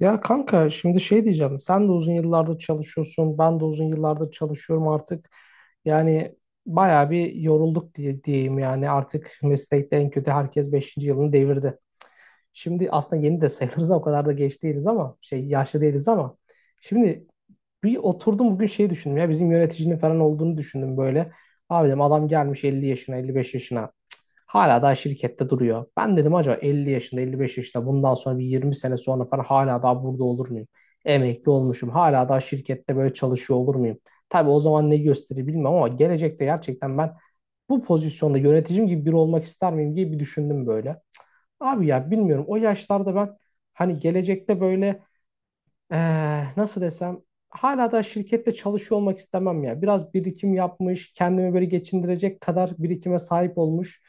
Ya kanka şimdi şey diyeceğim. Sen de uzun yıllardır çalışıyorsun. Ben de uzun yıllardır çalışıyorum artık. Yani bayağı bir yorulduk diye diyeyim yani. Artık meslekte en kötü herkes beşinci yılını devirdi. Şimdi aslında yeni de sayılırız ama o kadar da geç değiliz ama şey yaşlı değiliz ama. Şimdi bir oturdum bugün şey düşündüm ya bizim yöneticinin falan olduğunu düşündüm böyle. Abi dedim adam gelmiş 50 yaşına 55 yaşına. Hala daha şirkette duruyor. Ben dedim acaba 50 yaşında, 55 yaşında bundan sonra bir 20 sene sonra falan hala daha burada olur muyum? Emekli olmuşum. Hala daha şirkette böyle çalışıyor olur muyum? Tabii o zaman ne gösterir bilmem ama gelecekte gerçekten ben bu pozisyonda yöneticim gibi biri olmak ister miyim diye bir düşündüm böyle. Abi ya bilmiyorum o yaşlarda ben hani gelecekte böyle nasıl desem hala da şirkette çalışıyor olmak istemem ya. Biraz birikim yapmış, kendimi böyle geçindirecek kadar birikime sahip olmuş.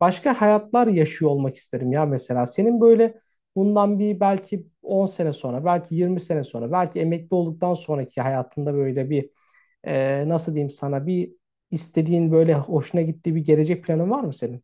Başka hayatlar yaşıyor olmak isterim ya mesela. Senin böyle bundan bir belki 10 sene sonra, belki 20 sene sonra, belki emekli olduktan sonraki hayatında böyle bir nasıl diyeyim sana bir istediğin böyle hoşuna gittiği bir gelecek planın var mı senin?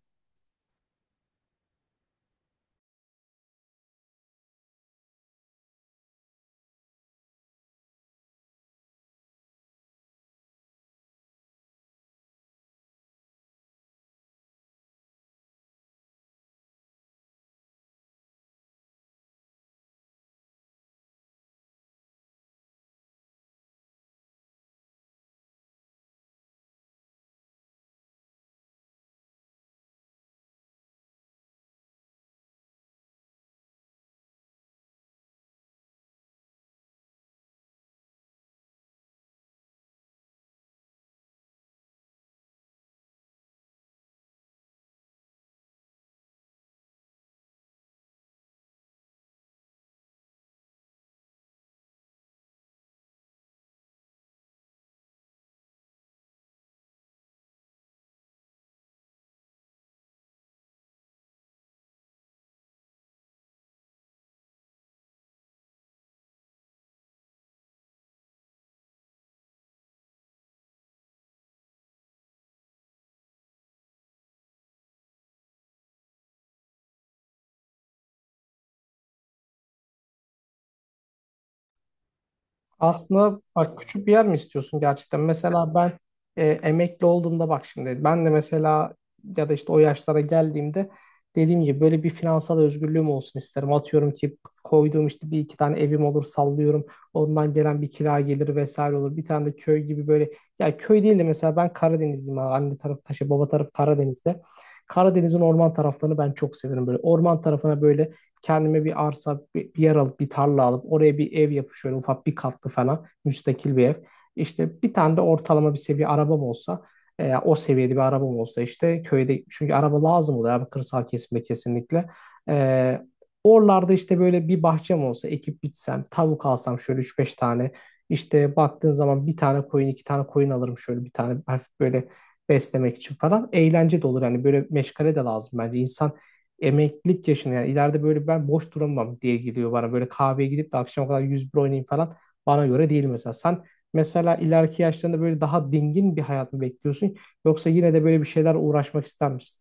Aslında bak küçük bir yer mi istiyorsun gerçekten? Mesela ben emekli olduğumda bak şimdi ben de mesela ya da işte o yaşlara geldiğimde dediğim gibi böyle bir finansal özgürlüğüm olsun isterim. Atıyorum ki koyduğum işte bir iki tane evim olur sallıyorum. Ondan gelen bir kira gelir vesaire olur. Bir tane de köy gibi böyle ya köy değil de mesela ben Karadenizliyim, abi. Anne tarafı Kaşa, baba tarafı Karadeniz'de. Karadeniz'in orman taraflarını ben çok severim böyle. Orman tarafına böyle kendime bir arsa, bir yer alıp bir tarla alıp oraya bir ev yapıp şöyle ufak bir katlı falan müstakil bir ev. İşte bir tane de ortalama bir seviye arabam olsa, o seviyede bir arabam olsa işte köyde çünkü araba lazım oluyor abi kırsal kesimde kesinlikle. E, oralarda işte böyle bir bahçem olsa ekip bitsem tavuk alsam şöyle üç beş tane, işte baktığın zaman bir tane koyun iki tane koyun alırım şöyle bir tane hafif böyle beslemek için falan, eğlence de olur yani, böyle meşgale de lazım bence insan emeklilik yaşında yani ileride, böyle ben boş duramam diye geliyor bana. Böyle kahveye gidip de akşama kadar 101 oynayayım falan bana göre değil mesela. Sen mesela ileriki yaşlarında böyle daha dingin bir hayat mı bekliyorsun yoksa yine de böyle bir şeyler uğraşmak ister misin?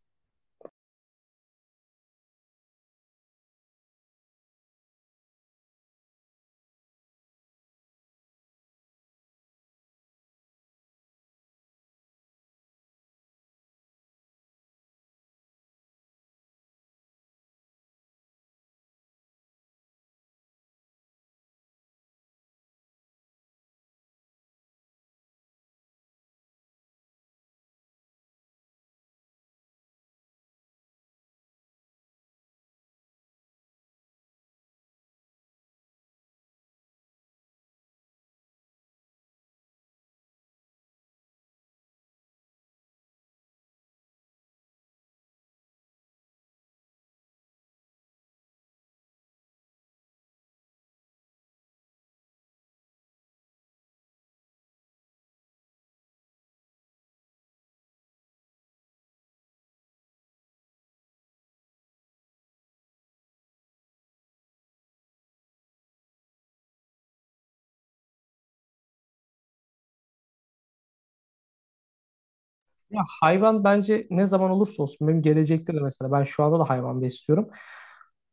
Ya hayvan bence ne zaman olursa olsun benim gelecekte de, mesela ben şu anda da hayvan besliyorum.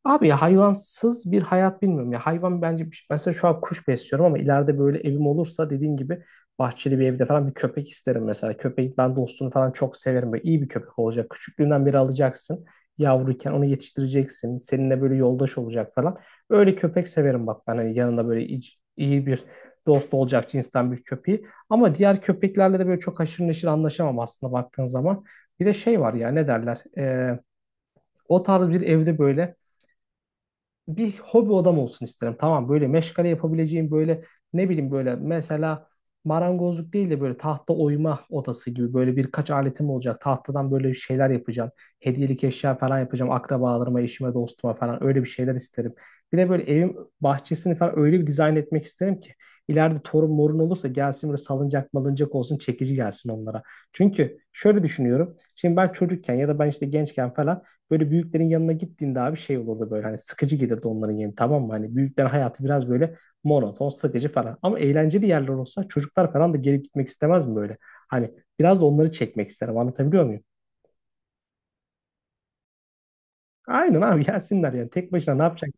Abi ya hayvansız bir hayat bilmiyorum ya. Hayvan bence, mesela şu an kuş besliyorum ama ileride böyle evim olursa dediğin gibi bahçeli bir evde falan bir köpek isterim mesela. Köpeği, ben dostunu falan çok severim. Böyle iyi bir köpek olacak. Küçüklüğünden beri alacaksın. Yavruyken onu yetiştireceksin. Seninle böyle yoldaş olacak falan. Öyle köpek severim bak ben. Hani yanında böyle iyi bir dost olacak cinsten bir köpeği. Ama diğer köpeklerle de böyle çok haşır neşir anlaşamam aslında baktığın zaman. Bir de şey var ya, ne derler? O tarz bir evde böyle bir hobi odam olsun isterim. Tamam, böyle meşgale yapabileceğim, böyle ne bileyim, böyle mesela marangozluk değil de böyle tahta oyma odası gibi, böyle birkaç aletim olacak. Tahtadan böyle bir şeyler yapacağım. Hediyelik eşya falan yapacağım. Akrabalarıma, eşime, dostuma falan, öyle bir şeyler isterim. Bir de böyle evim, bahçesini falan öyle bir dizayn etmek isterim ki ileride torun morun olursa gelsin, böyle salıncak malıncak olsun, çekici gelsin onlara. Çünkü şöyle düşünüyorum. Şimdi ben çocukken ya da ben işte gençken falan böyle büyüklerin yanına gittiğinde abi şey olurdu, böyle hani sıkıcı gelirdi onların yeri, tamam mı? Hani büyüklerin hayatı biraz böyle monoton, sıkıcı falan. Ama eğlenceli yerler olsa çocuklar falan da gelip gitmek istemez mi böyle? Hani biraz da onları çekmek isterim, anlatabiliyor muyum? Aynen abi, gelsinler yani, tek başına ne yapacak?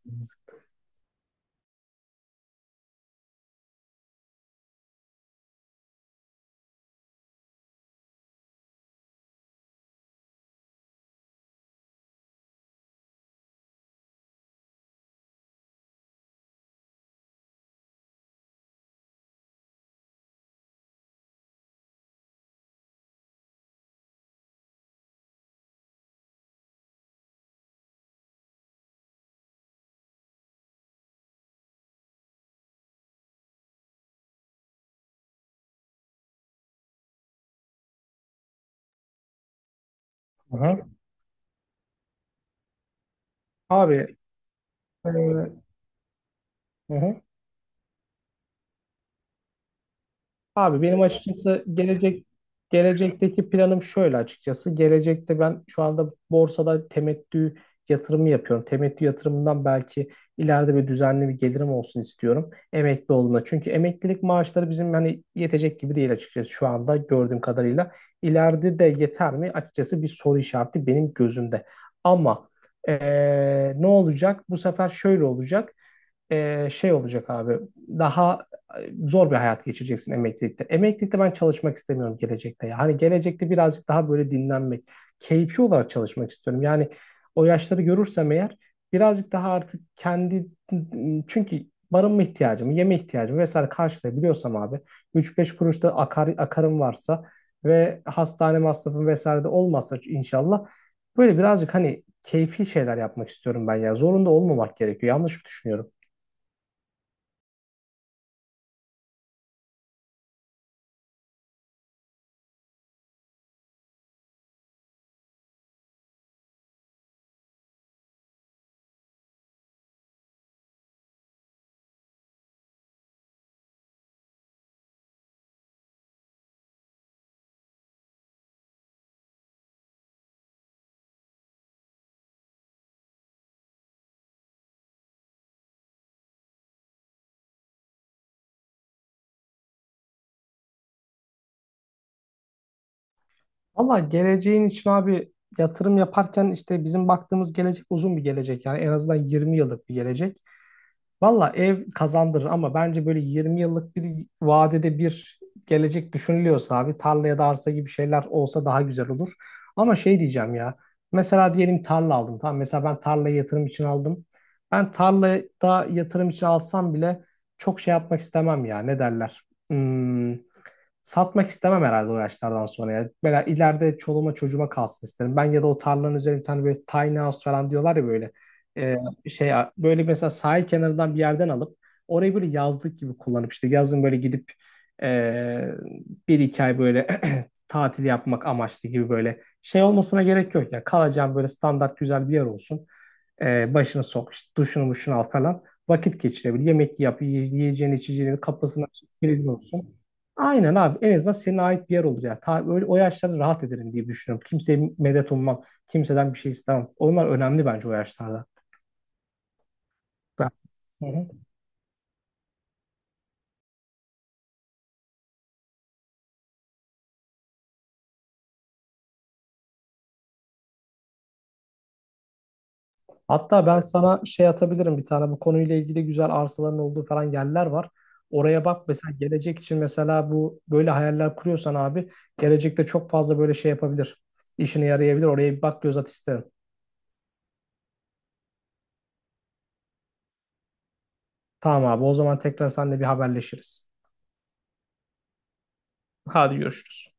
Aha. Abi, e, hı, abi benim açıkçası gelecekteki planım şöyle açıkçası. Gelecekte ben şu anda borsada temettü yatırımı yapıyorum. Temettü yatırımından belki ileride bir düzenli bir gelirim olsun istiyorum. Emekli olduğumda. Çünkü emeklilik maaşları bizim hani yetecek gibi değil açıkçası şu anda gördüğüm kadarıyla. İleride de yeter mi? Açıkçası bir soru işareti benim gözümde. Ama ne olacak? Bu sefer şöyle olacak, şey olacak abi. Daha zor bir hayat geçireceksin emeklilikte. Emeklilikte ben çalışmak istemiyorum gelecekte ya. Hani gelecekte birazcık daha böyle dinlenmek, keyfi olarak çalışmak istiyorum. Yani o yaşları görürsem eğer birazcık daha artık kendi, çünkü barınma ihtiyacımı, yeme ihtiyacımı vesaire karşılayabiliyorsam abi üç beş kuruş da akar, akarım varsa ve hastane masrafım vesaire de olmazsa inşallah böyle birazcık hani keyfi şeyler yapmak istiyorum ben ya. Zorunda olmamak gerekiyor. Yanlış mı düşünüyorum? Valla geleceğin için abi yatırım yaparken işte bizim baktığımız gelecek uzun bir gelecek. Yani en azından 20 yıllık bir gelecek. Valla ev kazandırır ama bence böyle 20 yıllık bir vadede bir gelecek düşünülüyorsa abi tarla ya da arsa gibi şeyler olsa daha güzel olur. Ama şey diyeceğim ya, mesela diyelim tarla aldım, tamam, mesela ben tarlayı yatırım için aldım. Ben tarlada yatırım için alsam bile çok şey yapmak istemem ya, ne derler. Hmm, satmak istemem herhalde o yaşlardan sonra ya. Mesela ileride çoluğuma çocuğuma kalsın isterim. Ben ya da o tarlanın üzerine bir tane böyle tiny house falan diyorlar ya böyle. Ee, şey böyle mesela sahil kenarından bir yerden alıp orayı böyle yazlık gibi kullanıp işte yazın böyle gidip e, bir iki ay böyle tatil yapmak amaçlı, gibi böyle şey olmasına gerek yok ya, kalacağın böyle standart güzel bir yer olsun. E, başını sok işte, duşunu muşunu al falan, vakit geçirebilir, yemek yap, yiyeceğini içeceğini, kapısına kilitli olsun. Aynen abi, en azından senin ait bir yer olur ya. Ta, öyle, o yaşlarda rahat ederim diye düşünüyorum. Kimseye medet ummam. Kimseden bir şey istemem. Onlar önemli bence o yaşlarda. Ben. Hatta ben sana şey atabilirim, bir tane bu konuyla ilgili güzel arsaların olduğu falan yerler var. Oraya bak mesela, gelecek için, mesela bu böyle hayaller kuruyorsan abi gelecekte çok fazla böyle şey yapabilir. İşine yarayabilir. Oraya bir bak, göz at isterim. Tamam abi, o zaman tekrar seninle bir haberleşiriz. Hadi görüşürüz.